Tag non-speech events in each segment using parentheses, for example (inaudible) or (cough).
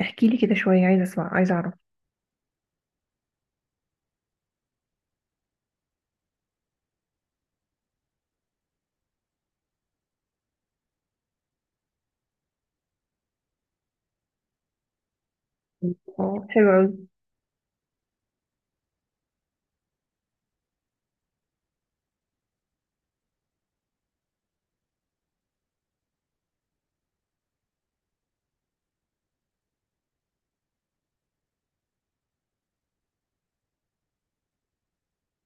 احكي لي كده شوية، عايزة اسمع، عايزة اعرف. اه، حلو قوي.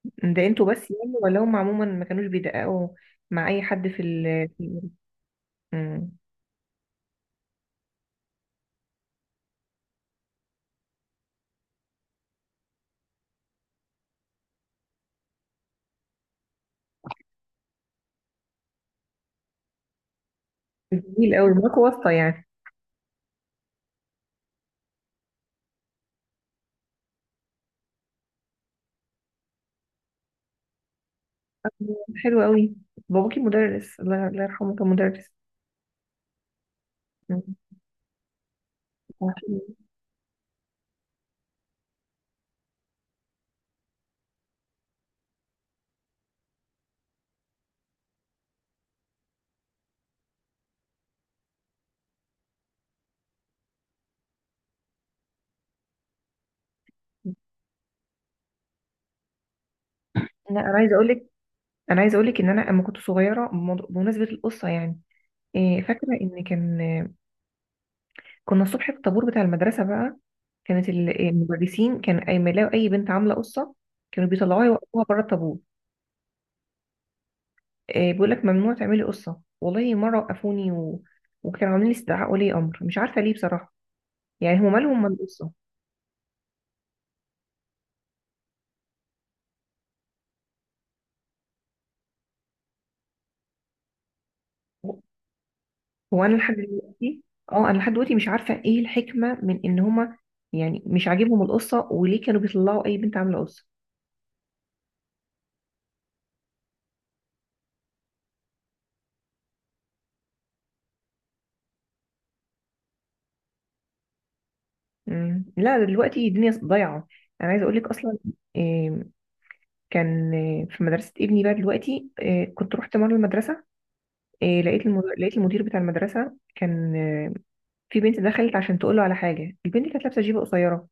ده انتوا بس يعني ولا هم عموما ما كانوش بيدققوا مع اي حد مم. جميل قوي، معاكوا واسطة يعني. حلو قوي. باباكي مدرس؟ الله، الله يرحمه، كان مدرس. مم. لا، انا عايزه اقول لك ان انا اما كنت صغيره بمناسبه القصه يعني. فاكره ان كان كنا الصبح في الطابور بتاع المدرسه بقى، كانت المدرسين كان اي ما يلاقوا اي بنت عامله قصه، كانوا بيطلعوها يوقفوها بره الطابور. بيقول لك ممنوع تعملي قصه. والله مره وقفوني وكانوا عاملين لي استدعاء ولي امر، مش عارفه ليه بصراحه. يعني هم مالهم من القصه؟ هو انا لحد دلوقتي اه، انا لحد دلوقتي مش عارفه ايه الحكمه من ان هم يعني مش عاجبهم القصه، وليه كانوا بيطلعوا اي بنت عامله قصه؟ مم. لا، دلوقتي الدنيا ضايعه. انا عايزه اقول لك اصلا، آه، كان آه، في مدرسه ابني بقى دلوقتي. كنت رحت مره المدرسه. لقيت المدير بتاع المدرسه كان، في بنت دخلت عشان تقول له على حاجه، البنت كانت لابسه جيبه قصيره.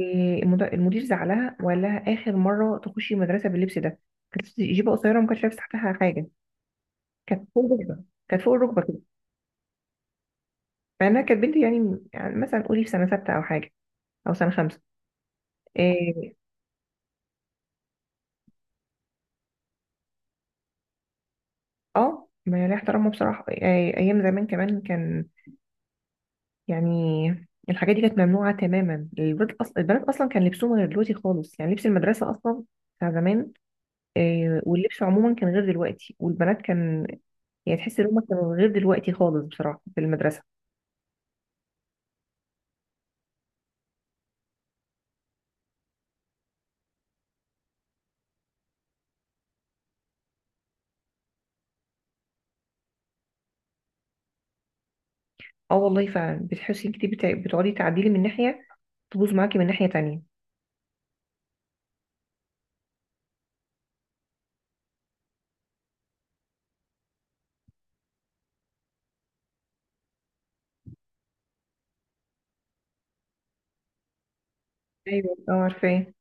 المدير زعلها وقال لها اخر مره تخشي المدرسه باللبس ده. كانت جيبه قصيره وما كانتش لابسه تحتها حاجه، كانت فوق الركبه، كانت فوق الركبه كده. مع انها كانت بنت، يعني مثلا قولي في سنه سته او حاجه، او سنه خمسه. إيه، اه، ما ليه احترامه بصراحه. ايام زمان كمان كان، يعني الحاجات دي كانت ممنوعه تماما، البنات اصلا كان لبسهم غير دلوقتي خالص، يعني لبس المدرسه اصلا بتاع زمان. واللبس عموما كان غير دلوقتي، والبنات كان يعني تحس ان هم كانوا غير دلوقتي خالص بصراحه في المدرسه. اه، والله فعلا بتحسي انك بتقعدي تعديلي من ناحيه، تبوظ معاكي من ناحيه تانية. ايوه، اه، عارفاه.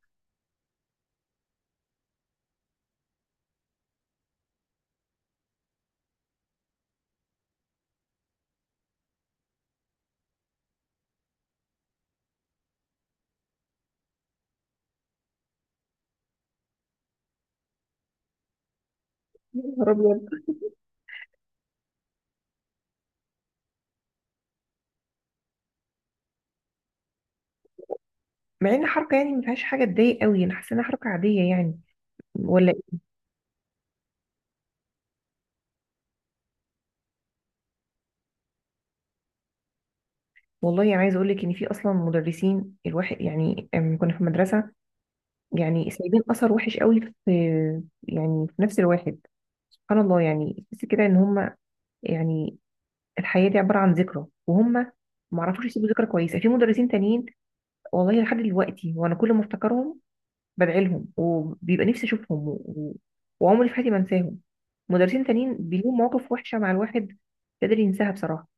نهار ابيض! مع ان حركه يعني ما فيهاش حاجه تضايق قوي، انا حاسه انها حركه عاديه يعني، ولا إيه؟ والله يعني، عايزه اقول لك ان في اصلا مدرسين الواحد يعني، كنا في مدرسه يعني سايبين اثر وحش قوي في يعني في نفس الواحد. سبحان الله، يعني تحس كده ان هم يعني الحياه دي عباره عن ذكرى، وهم ما عرفوش يسيبوا ذكرى كويسه في مدرسين تانيين. والله لحد دلوقتي وانا كل ما افتكرهم بدعي لهم، وبيبقى نفسي اشوفهم وعمري في حياتي ما انساهم. مدرسين تانيين بيلهم مواقف وحشه مع الواحد مش قادر ينساها بصراحه.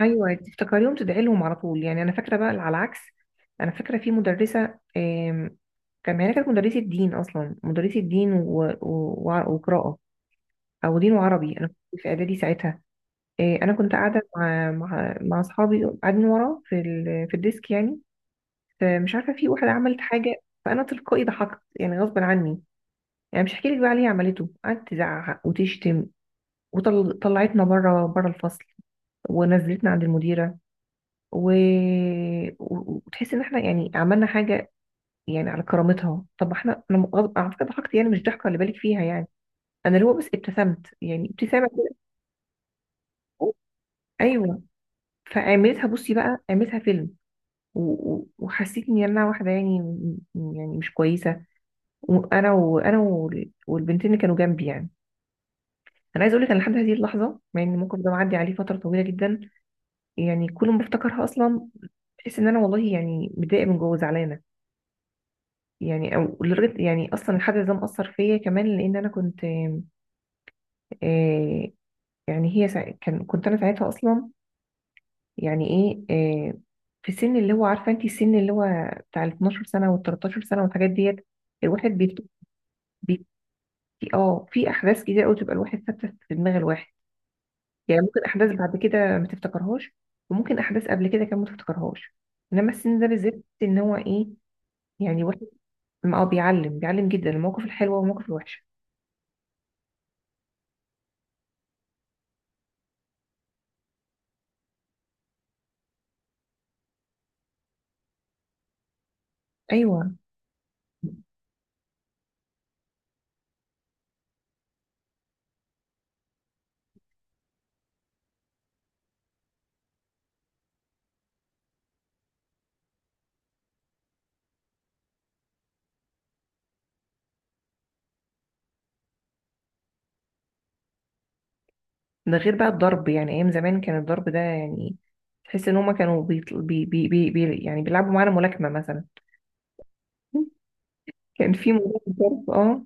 ايوه، تفتكريهم تدعي لهم على طول. يعني انا فاكره بقى على العكس، انا فاكره في مدرسه، هي كانت مدرسه دين، اصلا مدرسه دين وقراءه، او دين وعربي، انا كنت في اعدادي ساعتها. انا كنت قاعده مع اصحابي، قاعدين ورا في الديسك يعني. فمش عارفه في واحد عملت حاجه، فانا تلقائي ضحكت يعني غصب عني. يعني مش هحكي لك بقى عليه. عملته قعدت تزعق وتشتم، وطلعتنا بره، بره الفصل، ونزلتنا عند المديره، و... وتحس ان احنا يعني عملنا حاجه يعني على كرامتها. طب انا غضب على فكره ضحكت، يعني مش ضحكه اللي بالك فيها يعني، انا اللي هو بس ابتسمت يعني ابتسامه كده. ايوه. فعملتها بصي بقى، عملتها فيلم وحسيت ان انا واحده يعني، يعني مش كويسه، وانا والبنتين اللي كانوا جنبي يعني. انا عايزه اقول لك، انا لحد هذه اللحظه مع ان الموقف ده معدي عليه فتره طويله جدا، يعني كل ما افتكرها اصلا بحس ان انا والله يعني متضايقه من جوه زعلانه. يعني او لدرجه يعني، اصلا الحدث ده مأثر فيا كمان، لان انا كنت آه يعني هي سا... كان كنت انا ساعتها اصلا، يعني ايه، آه في سن، اللي هو عارفه انت السن اللي هو بتاع ال 12 سنه وال 13 سنه والحاجات ديت. الواحد بيت... بيت... اه، في احداث كتير قوي تبقى الواحد ثابته في دماغ الواحد. يعني ممكن احداث بعد كده ما تفتكرهاش، وممكن احداث قبل كده كمان ما تفتكرهاش، انما السن ده بالذات ان هو ايه يعني بيعلم جدا المواقف الحلوة والمواقف الوحشة. ايوه، ده غير بقى الضرب. يعني ايام زمان كان الضرب ده يعني، تحس ان هما كانوا بيطل... بي... بي... بي... بي... يعني بيلعبوا معانا ملاكمة مثلا. (laughs) كان في موضوع الضرب، اه.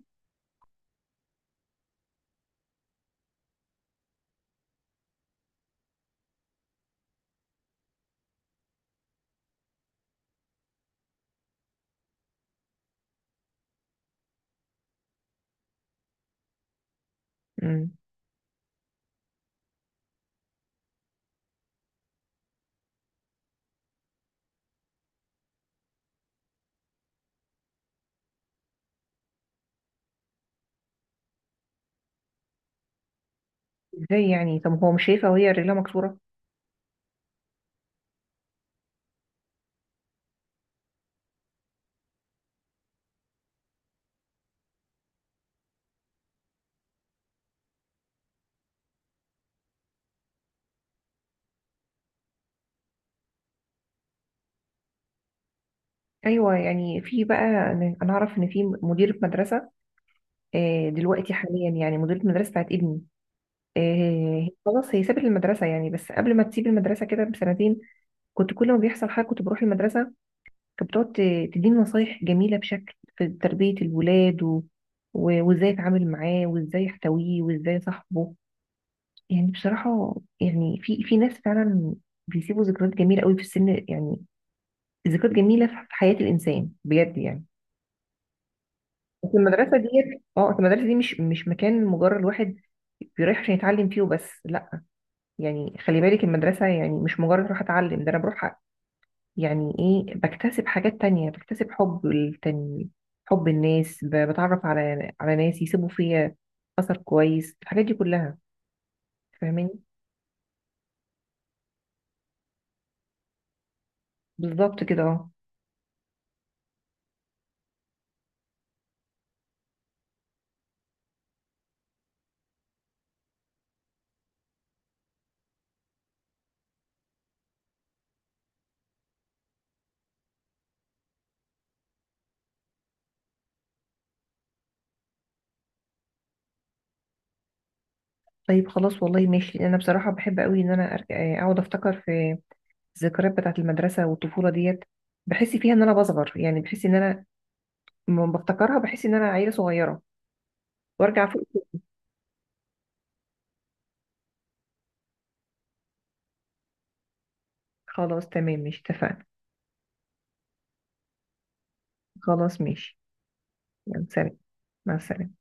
مم. ازاي يعني؟ طب هو مش شايفة وهي رجلها مكسورة؟ ايوه يعني في بقى، أنا اعرف ان في مديرة مدرسة، دلوقتي حاليا يعني مديرة مدرسة بتاعت ابني، خلاص هي سابت المدرسة. يعني بس قبل ما تسيب المدرسة كده بسنتين، كنت كل ما بيحصل حاجة كنت بروح المدرسة، كانت بتقعد تديني نصايح جميلة بشكل في تربية الولاد وازاي اتعامل معاه وازاي احتويه وازاي صاحبه، يعني بصراحة. يعني في ناس فعلا بيسيبوا ذكريات جميلة قوي في السن يعني، ذكريات جميلة في حياة الإنسان بجد يعني. بس المدرسة ديت، اه، أصل المدرسة دي مش مكان مجرد واحد بيروح عشان يتعلم فيه وبس، لا، يعني خلي بالك، المدرسة يعني مش مجرد اروح اتعلم، ده انا بروح يعني ايه، بكتسب حاجات تانية، بكتسب حب التاني، حب الناس، بتعرف على ناس يسيبوا فيا أثر كويس، الحاجات دي كلها. فاهماني؟ بالظبط كده، اه. طيب خلاص، والله ماشي. انا بصراحة بحب قوي ان انا اقعد افتكر في الذكريات بتاعة المدرسة والطفولة ديت، بحس فيها ان انا بصغر. يعني بحس ان انا لما بفتكرها بحس ان انا عيلة صغيرة وارجع فوق. خلاص تمام، مش اتفقنا؟ خلاص ماشي. يلا سلام. مع السلامة.